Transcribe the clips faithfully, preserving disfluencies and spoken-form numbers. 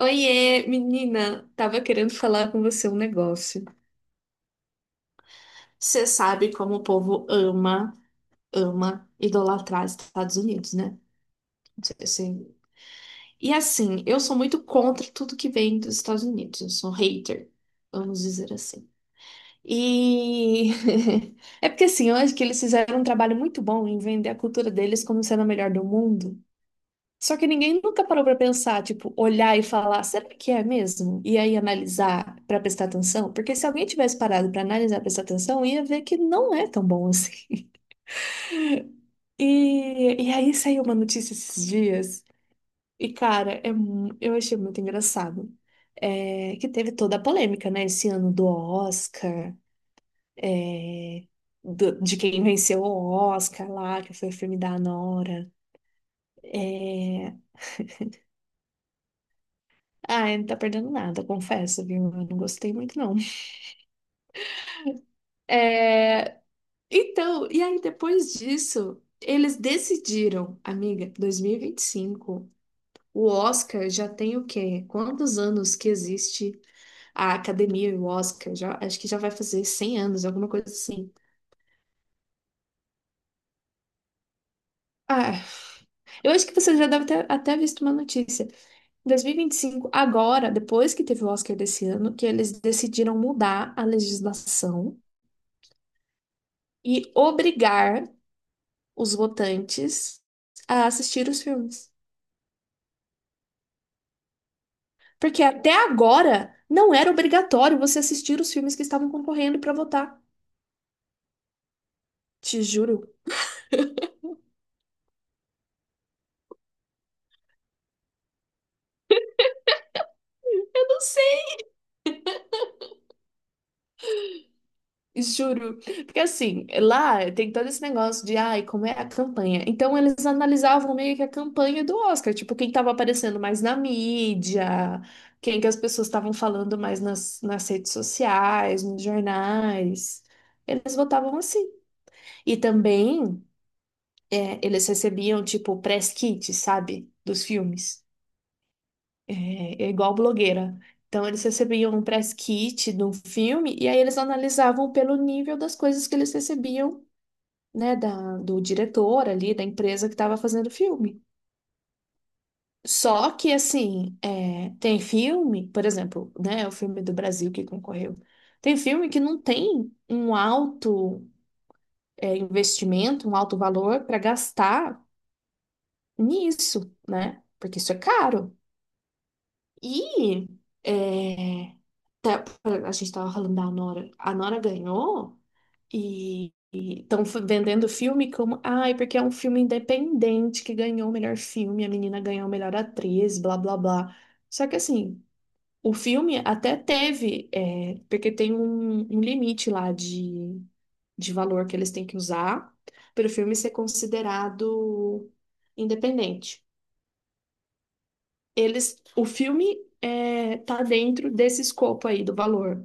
Oiê, menina, tava querendo falar com você um negócio. Você sabe como o povo ama, ama idolatrar os Estados Unidos, né? Não sei se- E assim, eu sou muito contra tudo que vem dos Estados Unidos. Eu sou hater, vamos dizer assim. E é porque assim, eu acho que eles fizeram um trabalho muito bom em vender a cultura deles como sendo a melhor do mundo. Só que ninguém nunca parou pra pensar, tipo, olhar e falar, será que é mesmo? E aí analisar pra prestar atenção, porque se alguém tivesse parado pra analisar, prestar atenção, ia ver que não é tão bom assim. E, e aí saiu uma notícia esses dias, e cara, é mu- eu achei muito engraçado. É, que teve toda a polêmica, né, esse ano do Oscar, é, do- de quem venceu o Oscar lá, que foi o filme da Nora. É, ah, não tá perdendo nada, confesso, viu? Eu não gostei muito, não. É, então, e aí depois disso, eles decidiram, amiga, dois mil e vinte e cinco, o Oscar já tem o quê? Quantos anos que existe a academia e o Oscar? Já, acho que já vai fazer cem anos, alguma coisa assim. Ah, eu acho que você já deve ter até visto uma notícia. dois mil e vinte e cinco, agora, depois que teve o Oscar desse ano, que eles decidiram mudar a legislação e obrigar os votantes a assistir os filmes. Porque até agora não era obrigatório você assistir os filmes que estavam concorrendo para votar. Te juro. Juro. Porque assim, lá tem todo esse negócio de, ai, como é a campanha. Então eles analisavam meio que a campanha do Oscar, tipo, quem tava aparecendo mais na mídia, quem que as pessoas estavam falando mais nas, nas redes sociais, nos jornais. Eles votavam assim. E também é, eles recebiam, tipo, press kit, sabe? Dos filmes. é é igual blogueira. Então, eles recebiam um press kit de um filme e aí eles analisavam pelo nível das coisas que eles recebiam, né, da, do diretor ali, da empresa que estava fazendo o filme. Só que, assim, é, tem filme, por exemplo, né, o filme do Brasil que concorreu, tem filme que não tem um alto, é, investimento, um alto valor para gastar nisso, né? Porque isso é caro. E é, tá- a gente estava falando da Nora. A Nora ganhou e estão vendendo o filme como, ai, porque é um filme independente que ganhou o melhor filme, a menina ganhou a melhor atriz, blá blá blá. Só que assim, o filme até teve, é, porque tem um, um limite lá de, de valor que eles têm que usar para o filme ser considerado independente eles, o filme é, tá dentro desse escopo aí do valor.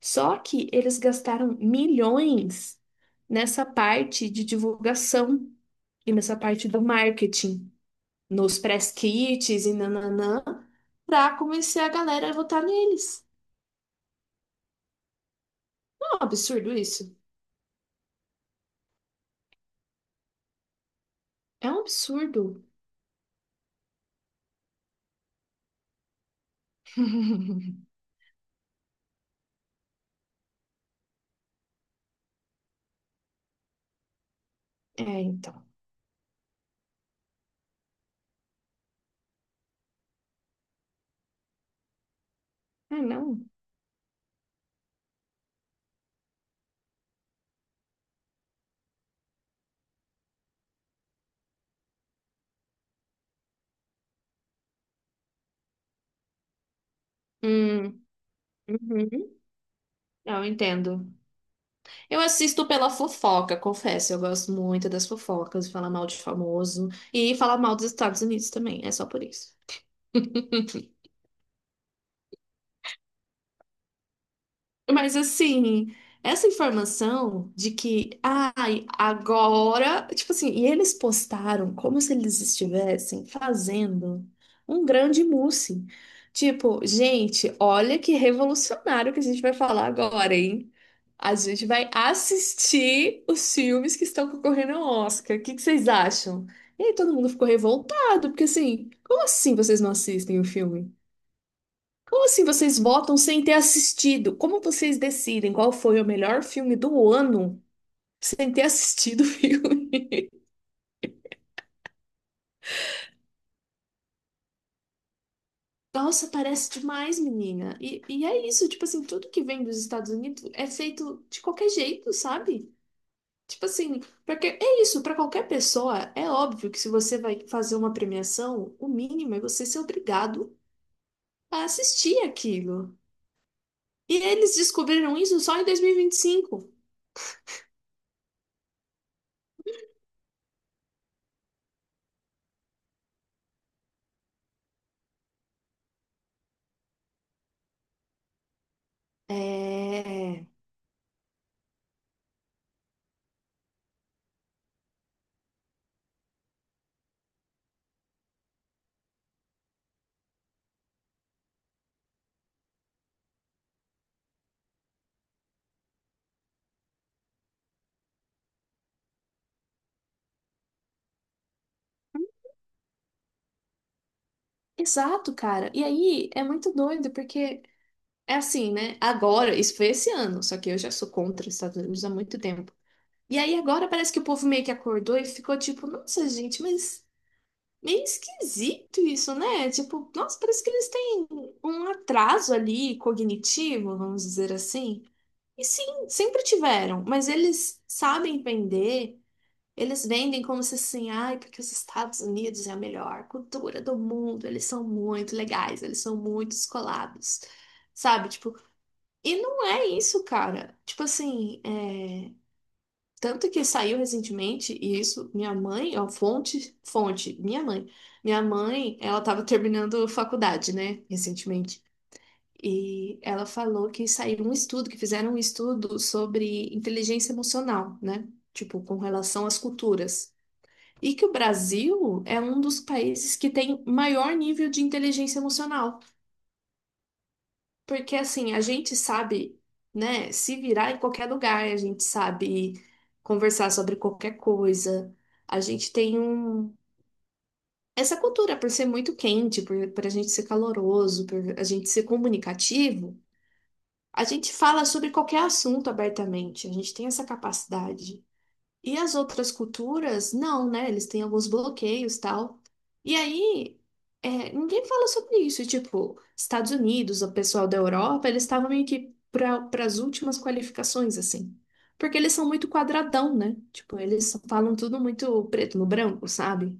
Só que eles gastaram milhões nessa parte de divulgação e nessa parte do marketing, nos press kits e nananã, pra convencer a galera a votar neles. É um absurdo isso. É um absurdo. É, então. Ah, não. Hum, uhum. Eu entendo. Eu assisto pela fofoca, confesso. Eu gosto muito das fofocas, de falar mal de famoso e falar mal dos Estados Unidos também. É só por isso. Mas assim, essa informação de que, ai, agora, tipo assim, e eles postaram como se eles estivessem fazendo um grande mousse. Tipo, gente, olha que revolucionário que a gente vai falar agora, hein? A gente vai assistir os filmes que estão concorrendo ao Oscar. O que que vocês acham? E aí todo mundo ficou revoltado, porque assim, como assim vocês não assistem o filme? Como assim vocês votam sem ter assistido? Como vocês decidem qual foi o melhor filme do ano sem ter assistido o filme? Nossa, parece demais, menina. E, e é isso, tipo assim, tudo que vem dos Estados Unidos é feito de qualquer jeito, sabe? Tipo assim, porque é isso, para qualquer pessoa, é óbvio que se você vai fazer uma premiação, o mínimo é você ser obrigado a assistir aquilo. E eles descobriram isso só em dois mil e e vinte e cinco? É. é. Exato, cara. E aí é muito doido, porque é assim, né? Agora, isso foi esse ano, só que eu já sou contra os Estados Unidos há muito tempo. E aí agora parece que o povo meio que acordou e ficou tipo, nossa, gente, mas meio esquisito isso, né? Tipo, nossa, parece que eles têm um atraso ali cognitivo, vamos dizer assim. E sim, sempre tiveram, mas eles sabem vender. Eles vendem como se assim, ai, porque os Estados Unidos é a melhor cultura do mundo, eles são muito legais, eles são muito descolados, sabe? Tipo, e não é isso, cara. Tipo assim, é... tanto que saiu recentemente, e isso, minha mãe, ó, fonte, fonte, minha mãe. Minha mãe, ela tava terminando faculdade, né, recentemente. E ela falou que saiu um estudo, que fizeram um estudo sobre inteligência emocional, né? Tipo, com relação às culturas. E que o Brasil é um dos países que tem maior nível de inteligência emocional. Porque, assim, a gente sabe, né, se virar em qualquer lugar, a gente sabe conversar sobre qualquer coisa. A gente tem um... essa cultura, por ser muito quente, por, por a gente ser caloroso, por a gente ser comunicativo, a gente fala sobre qualquer assunto abertamente. A gente tem essa capacidade. E as outras culturas, não, né? Eles têm alguns bloqueios tal. E aí, é, ninguém fala sobre isso. E, tipo, Estados Unidos, o pessoal da Europa, eles estavam meio que para as últimas qualificações, assim. Porque eles são muito quadradão, né? Tipo, eles falam tudo muito preto no branco, sabe?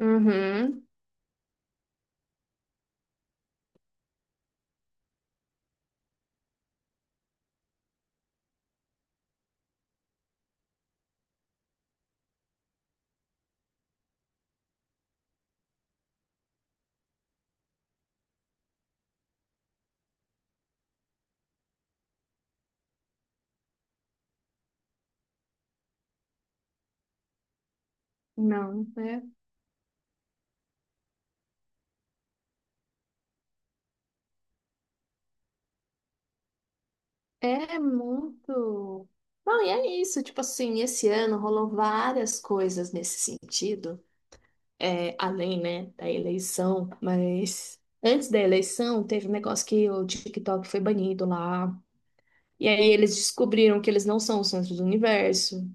Uhum. Não, é, é muito. Não, e é isso. Tipo assim, esse ano rolou várias coisas nesse sentido. É, além, né, da eleição, mas antes da eleição teve um negócio que o TikTok foi banido lá. E aí eles descobriram que eles não são o centro do universo,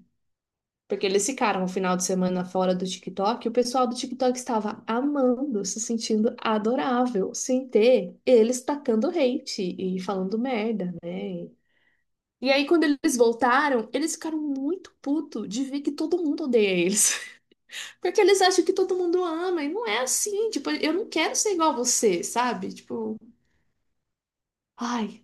porque eles ficaram o final de semana fora do TikTok, e o pessoal do TikTok estava amando, se sentindo adorável, sem ter eles tacando hate e falando merda, né? E aí quando eles voltaram, eles ficaram muito puto de ver que todo mundo odeia eles. Porque eles acham que todo mundo ama, e não é assim. Tipo, eu não quero ser igual a você, sabe? Tipo, ai.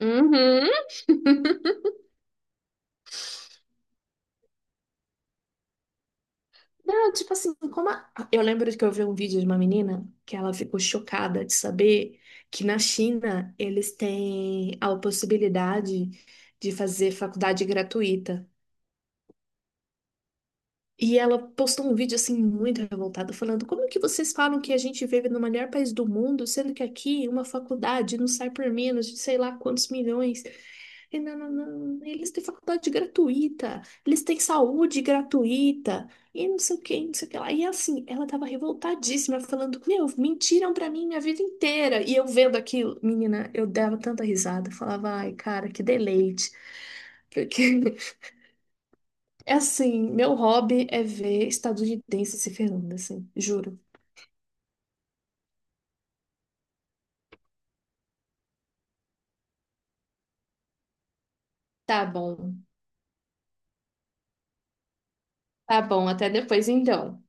Uhum. Não, tipo assim, como a- eu lembro que eu vi um vídeo de uma menina que ela ficou chocada de saber que na China eles têm a possibilidade de fazer faculdade gratuita. E ela postou um vídeo assim muito revoltada, falando: Como que vocês falam que a gente vive no melhor país do mundo, sendo que aqui uma faculdade não sai por menos de sei lá quantos milhões? E não, não, não, eles têm faculdade gratuita, eles têm saúde gratuita, e não sei o que, não sei o que lá. E assim, ela tava revoltadíssima, falando: Meu, mentiram pra mim minha vida inteira. E eu vendo aquilo, menina, eu dava tanta risada, falava: Ai, cara, que deleite. Porque é assim, meu hobby é ver estadunidense se ferrando, assim, juro. Tá bom, tá bom, até depois então.